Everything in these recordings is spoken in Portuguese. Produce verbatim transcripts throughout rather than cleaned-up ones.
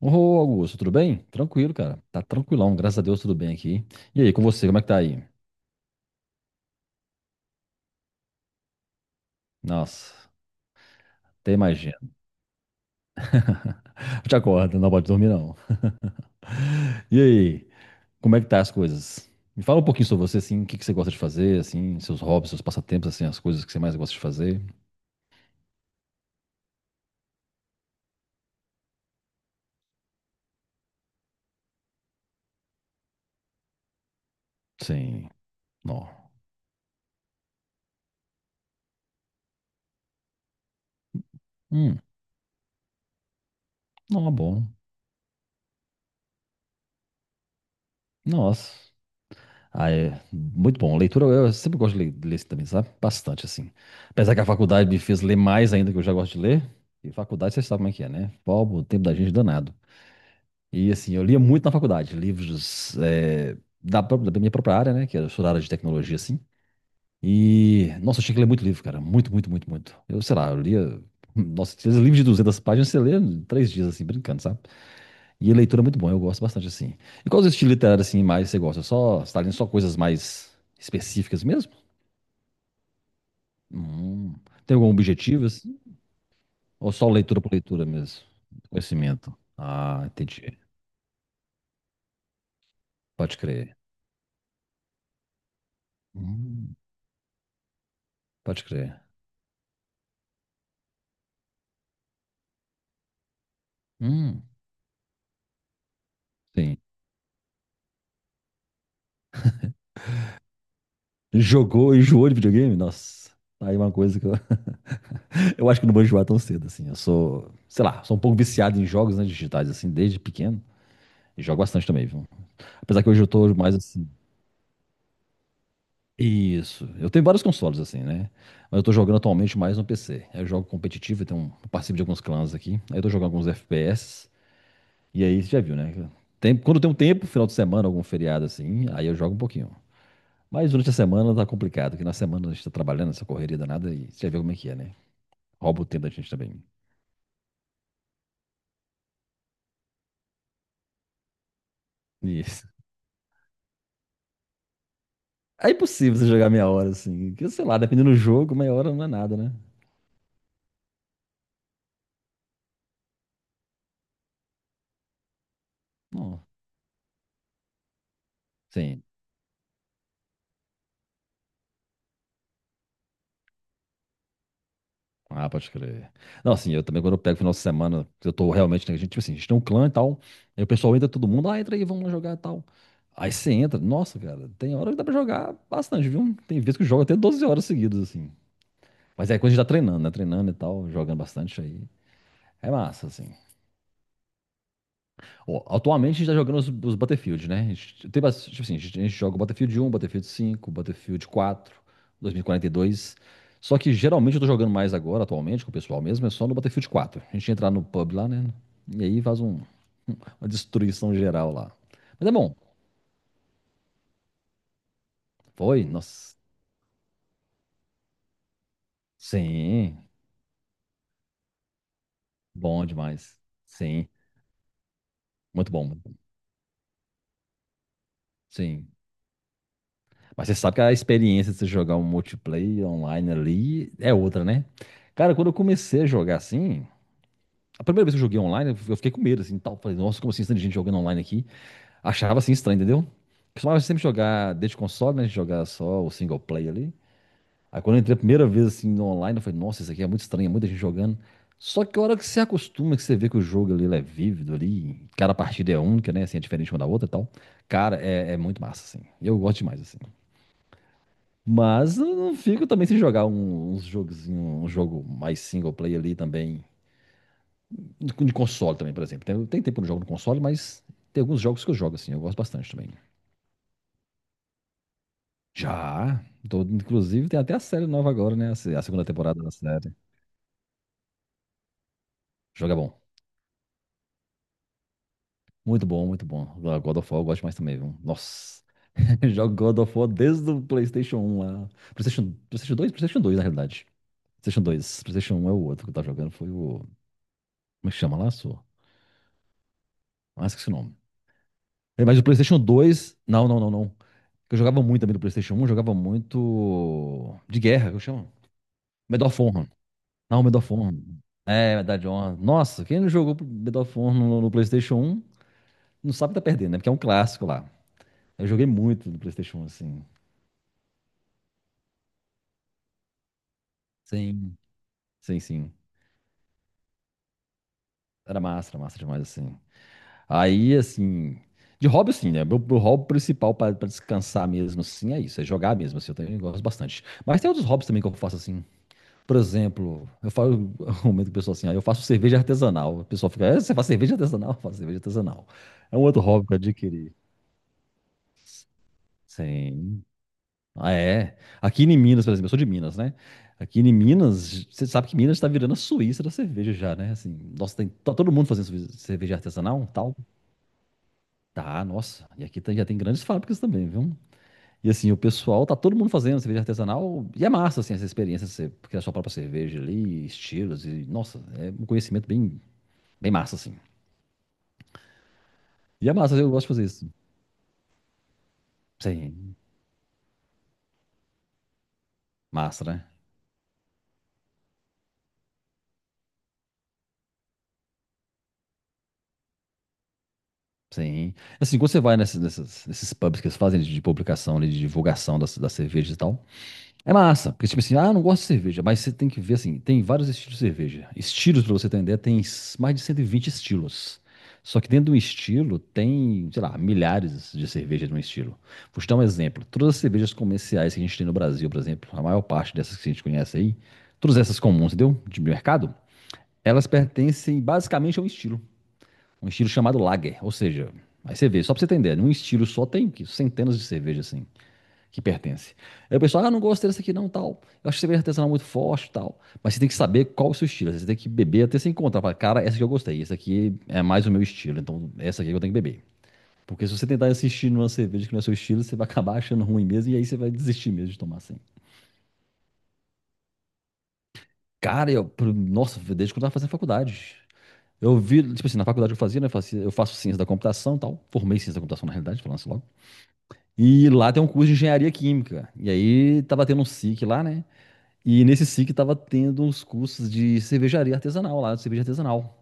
Ô, Augusto, tudo bem? Tranquilo, cara. Tá tranquilão, graças a Deus, tudo bem aqui. E aí, com você, como é que tá aí? Nossa, até imagino. Eu te acordo, não pode dormir, não. E aí, como é que tá as coisas? Me fala um pouquinho sobre você, assim, o que que você gosta de fazer, assim, seus hobbies, seus passatempos, assim, as coisas que você mais gosta de fazer. Sim, não. Hum, não, é bom. Nossa. Ah, é muito bom. Leitura, eu sempre gosto de ler, de ler assim também, sabe? Bastante, assim. Apesar que a faculdade me fez ler mais ainda, que eu já gosto de ler. E faculdade, você sabe como é que é, né? Pô, o tempo da gente é danado. E assim, eu lia muito na faculdade, livros eh, da, pró- da minha própria área, né? Que eu sou da área de tecnologia, assim. E, nossa, eu tinha que ler muito livro, cara. Muito, muito, muito, muito. Eu, sei lá, eu lia. Nossa, esses livros de duzentas páginas você lê em três dias, assim, brincando, sabe? E a leitura é muito bom, eu gosto bastante, assim. E qual os estilos literários, assim, mais você gosta? Só, você tá lendo só coisas mais específicas mesmo? Hum, tem algum objetivo, assim? Ou só leitura por leitura mesmo? Conhecimento. Ah, entendi. Pode crer. Hum, pode crer. Hum. Sim. Jogou, enjoou de videogame? Nossa, aí uma coisa que eu, eu acho que eu não vou enjoar tão cedo, assim. Eu sou, sei lá, sou um pouco viciado em jogos, né, digitais, assim, desde pequeno. E jogo bastante também, viu? Apesar que hoje eu tô mais assim. Isso. Eu tenho vários consoles, assim, né? Mas eu tô jogando atualmente mais no P C. Eu jogo competitivo, eu tenho um, eu participo de alguns clãs aqui. Aí eu tô jogando alguns F P S. E aí você já viu, né? Tem, quando tem um tempo, final de semana, algum feriado, assim, aí eu jogo um pouquinho. Mas durante a semana tá complicado, porque na semana a gente tá trabalhando, essa correria danada, e você já viu como é que é, né? Rouba o tempo da gente também. Isso. É impossível você jogar meia hora, assim. Que, sei lá, dependendo do jogo, meia hora não é nada, né? Não. Sim. Ah, pode crer. Não, assim, eu também, quando eu pego final de semana, eu tô realmente, né, a gente, tipo assim, a gente tem um clã e tal, aí o pessoal entra todo mundo, ah, entra aí, vamos lá jogar e tal. Aí você entra, nossa, cara, tem hora que dá pra jogar bastante, viu? Tem vezes que eu jogo até doze horas seguidas, assim. Mas é quando a gente tá treinando, né? Treinando e tal, jogando bastante aí. É massa, assim. Bom, atualmente a gente tá jogando os, os Battlefield, né? A gente, tem bas- tipo assim, a gente, a gente joga o Battlefield um, Battlefield cinco, Battlefield quatro, dois mil e quarenta e dois. Só que geralmente eu tô jogando mais agora, atualmente, com o pessoal mesmo, é só no Battlefield quatro. A gente entra lá no pub lá, né? E aí faz um- uma destruição geral lá. Mas é bom. Foi? Nossa. Sim. Bom demais. Sim. Muito bom. Muito bom. Sim. Mas você sabe que a experiência de você jogar um multiplayer online ali é outra, né? Cara, quando eu comecei a jogar assim, a primeira vez que eu joguei online, eu fiquei com medo, assim, tal. Falei, nossa, como assim, tanta gente jogando online aqui? Achava, assim, estranho, entendeu? Costumava sempre jogar desde console, né? Jogar só o single player ali. Aí quando eu entrei a primeira vez, assim, no online, eu falei, nossa, isso aqui é muito estranho, é muita gente jogando. Só que a hora que você acostuma, que você vê que o jogo ali, ele é vívido ali, cada partida é única, né? Assim, é diferente uma da outra e tal. Cara, é, é muito massa, assim. Eu gosto demais, assim. Mas eu não fico também sem jogar um- uns jogos, um jogo mais single player ali também. De de console também, por exemplo. Tem, tem tempo que eu não jogo no console, mas tem alguns jogos que eu jogo, assim. Eu gosto bastante também. Já. Tô- inclusive, tem até a série nova agora, né? A, se- A segunda temporada da série. Jogo é bom. Muito bom, muito bom. God of War eu gosto mais também, viu? Nossa. Jogo God of War desde o PlayStation um lá. PlayStation, PlayStation dois. PlayStation dois na realidade. PlayStation dois. PlayStation um é o outro que eu tava jogando. Foi o. Como é que chama lá, sua? Ah, esqueci o nome. É, mas o PlayStation dois. Não, não, não, não. Eu jogava muito também do PlayStation um, jogava muito. De guerra, que eu chamo. Medal of Honor. Não, Medal of Honor. É, Medal de Honra. Nossa, quem não jogou Medal of Honor no, no PlayStation um não sabe que tá perdendo, né? Porque é um clássico lá. Eu joguei muito no PlayStation um, assim. Sim, sim, sim. Era massa, era massa demais, assim. Aí, assim. De hobby, assim, né? Meu, meu hobby principal pra, pra descansar mesmo, assim, é isso. É jogar mesmo, assim. Eu também gosto bastante. Mas tem outros hobbies também que eu faço, assim. Por exemplo, eu falo, aumento o pessoal assim, ah, eu faço cerveja artesanal. O pessoal fica, "É, você faz cerveja artesanal? Eu faço cerveja artesanal. É um outro hobby que eu adquiri. Sim. Ah, é. Aqui em Minas, por exemplo, eu sou de Minas, né? Aqui em Minas, você sabe que Minas está virando a Suíça da cerveja já, né? Assim, nossa, tem, tá todo mundo fazendo suvi- cerveja artesanal, tal. Tá, nossa. E aqui tá- já tem grandes fábricas também, viu? E assim, o pessoal, tá todo mundo fazendo cerveja artesanal. E é massa, assim, essa experiência, você criar sua própria cerveja ali, estilos e, nossa, é um conhecimento bem, bem massa, assim. E é massa, eu gosto de fazer isso. Sim, massa, né? Sim. Assim, quando você vai nesses, nessas- nesses pubs que eles fazem de publicação, ali, de divulgação das, das, cervejas e tal, é massa. Porque, tipo assim, ah, não gosto de cerveja, mas você tem que ver, assim, tem vários estilos de cerveja. Estilos, pra você ter uma ideia, tem s- mais de cento e vinte estilos. Só que dentro de um estilo tem, sei lá, milhares de cervejas num estilo. Vou te dar um exemplo. Todas as cervejas comerciais que a gente tem no Brasil, por exemplo, a maior parte dessas que a gente conhece aí, todas essas comuns, entendeu? De mercado, elas pertencem basicamente a um estilo. Um estilo chamado lager, ou seja, aí você vê, só pra você entender, num estilo só tem centenas de cervejas assim que pertencem. Aí o pessoal, ah, não gosto desse aqui não, tal. Eu acho que cerveja artesanal muito forte, tal. Mas você tem que saber qual é o seu estilo, você tem que beber até se encontrar. Fala, cara, essa aqui eu gostei, essa aqui é mais o meu estilo, então essa aqui eu tenho que beber. Porque se você tentar assistir numa cerveja que não é seu estilo, você vai acabar achando ruim mesmo e aí você vai desistir mesmo de tomar assim. Cara, eu, pro- nossa, desde quando eu tava fazendo faculdade. Eu vi, tipo assim, na faculdade que eu fazia, né? Eu fazia- eu faço ciência da computação e tal. Formei ciência da computação, na realidade, falando assim logo. E lá tem um curso de engenharia química. E aí tava tendo um S I C lá, né? E nesse S I C tava tendo uns cursos de cervejaria artesanal lá, de cerveja artesanal.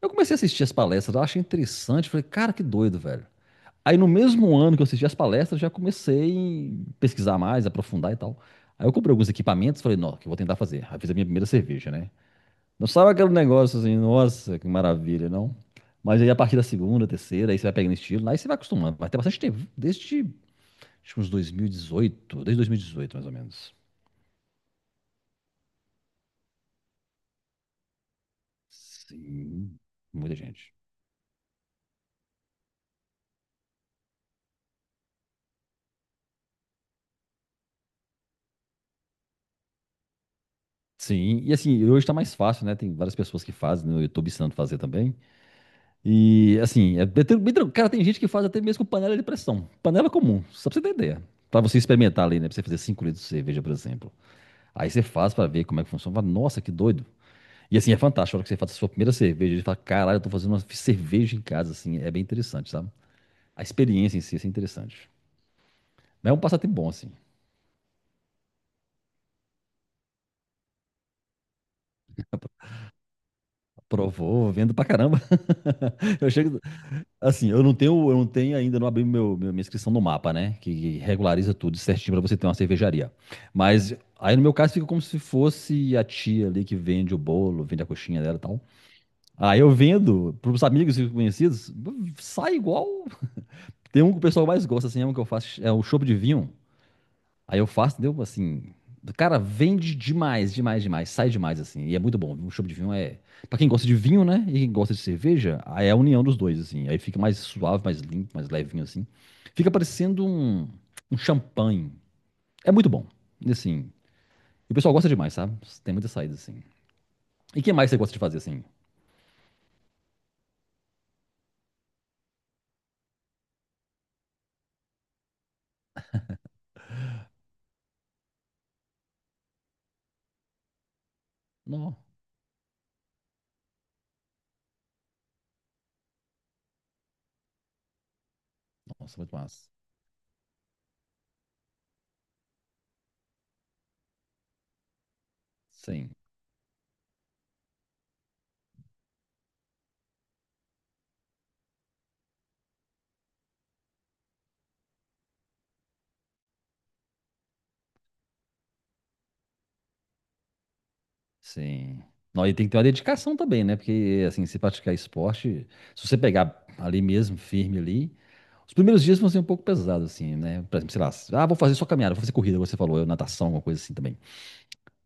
Eu comecei a assistir as palestras, eu achei interessante, falei, cara, que doido, velho. Aí no mesmo ano que eu assisti as palestras, já comecei a pesquisar mais, aprofundar e tal. Aí eu comprei alguns equipamentos, falei, não, que eu vou tentar fazer. Aí fiz a minha primeira cerveja, né? Não sabe aquele negócio assim, nossa, que maravilha, não? Mas aí a partir da segunda, terceira, aí você vai pegando estilo, aí você vai acostumando. Vai ter bastante tempo, desde acho que uns dois mil e dezoito, desde dois mil e dezoito mais ou menos. Sim, muita gente. Sim, e assim, hoje tá mais fácil, né? Tem várias pessoas que fazem, né? Eu tô ensinando a fazer também. E assim, é bem, tran- bem tranquilo. Cara, tem gente que faz até mesmo com panela de pressão. Panela comum, só pra você ter ideia. Pra você experimentar ali, né? Pra você fazer cinco litros de cerveja, por exemplo. Aí você faz pra ver como é que funciona. Fala, nossa, que doido. E assim, é fantástico. A hora que você faz a sua primeira cerveja, você fala, caralho, eu tô fazendo uma cerveja em casa, assim. É bem interessante, sabe? A experiência em si assim, é interessante. Mas é um passatempo bom, assim. Provou, vendo pra caramba. Eu chego. Assim, eu não tenho, eu não tenho ainda, não abri meu, meu- minha inscrição no mapa, né? Que regulariza tudo certinho pra você ter uma cervejaria. Mas aí no meu caso fica como se fosse a tia ali que vende o bolo, vende a coxinha dela e tal. Aí eu vendo pros amigos e conhecidos, sai igual. Tem um que o pessoal mais gosta, assim, é um que eu faço, é o chopp de vinho. Aí eu faço, entendeu? Assim, cara, vende demais, demais, demais. Sai demais, assim. E é muito bom. Um chopp de vinho é. Pra quem gosta de vinho, né? E quem gosta de cerveja, aí é a união dos dois, assim. Aí fica mais suave, mais limpo, mais levinho, assim. Fica parecendo um, um, champanhe. É muito bom. E, assim. E o pessoal gosta demais, sabe? Tem muita saída, assim. E o que mais você gosta de fazer, assim? Nó, nossa, muito massa. Sim. Sim. Não, e tem que ter uma dedicação também, né? Porque, assim, se praticar esporte, se você pegar ali mesmo, firme ali, os primeiros dias vão ser um pouco pesados, assim, né? Por exemplo, sei lá, ah, vou fazer só caminhada, vou fazer corrida, como você falou, eu, natação, alguma coisa assim também.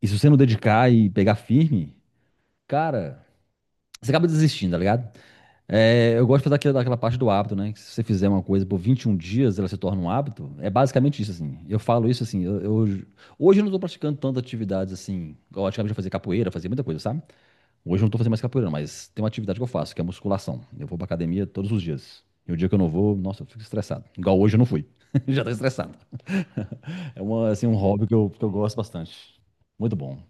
E se você não dedicar e pegar firme, cara, você acaba desistindo, tá ligado? É, eu gosto de fazer aquela, daquela parte do hábito, né? Que se você fizer uma coisa por vinte e um dias, ela se torna um hábito. É basicamente isso, assim. Eu falo isso, assim, eu, eu- hoje eu não tô praticando tantas atividades, assim, igual antigamente eu fazia capoeira, fazia muita coisa, sabe? Hoje eu não tô fazendo mais capoeira, mas tem uma atividade que eu faço, que é musculação. Eu vou pra academia todos os dias. E o dia que eu não vou, nossa, eu fico estressado. Igual hoje eu não fui. Já tô estressado. É uma, assim, um hobby que eu, que eu gosto bastante. Muito bom.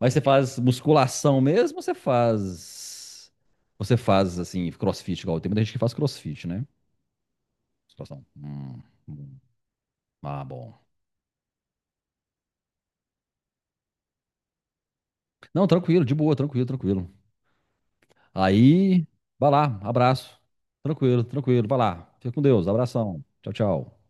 Mas você faz musculação mesmo ou você faz. Você faz, assim, crossfit, igual tem muita gente que faz crossfit, né? Situação. Hum, hum. Ah, bom. Não, tranquilo, de boa, tranquilo, tranquilo. Aí, vai lá, abraço. Tranquilo, tranquilo, vai lá. Fica com Deus, abração. Tchau, tchau.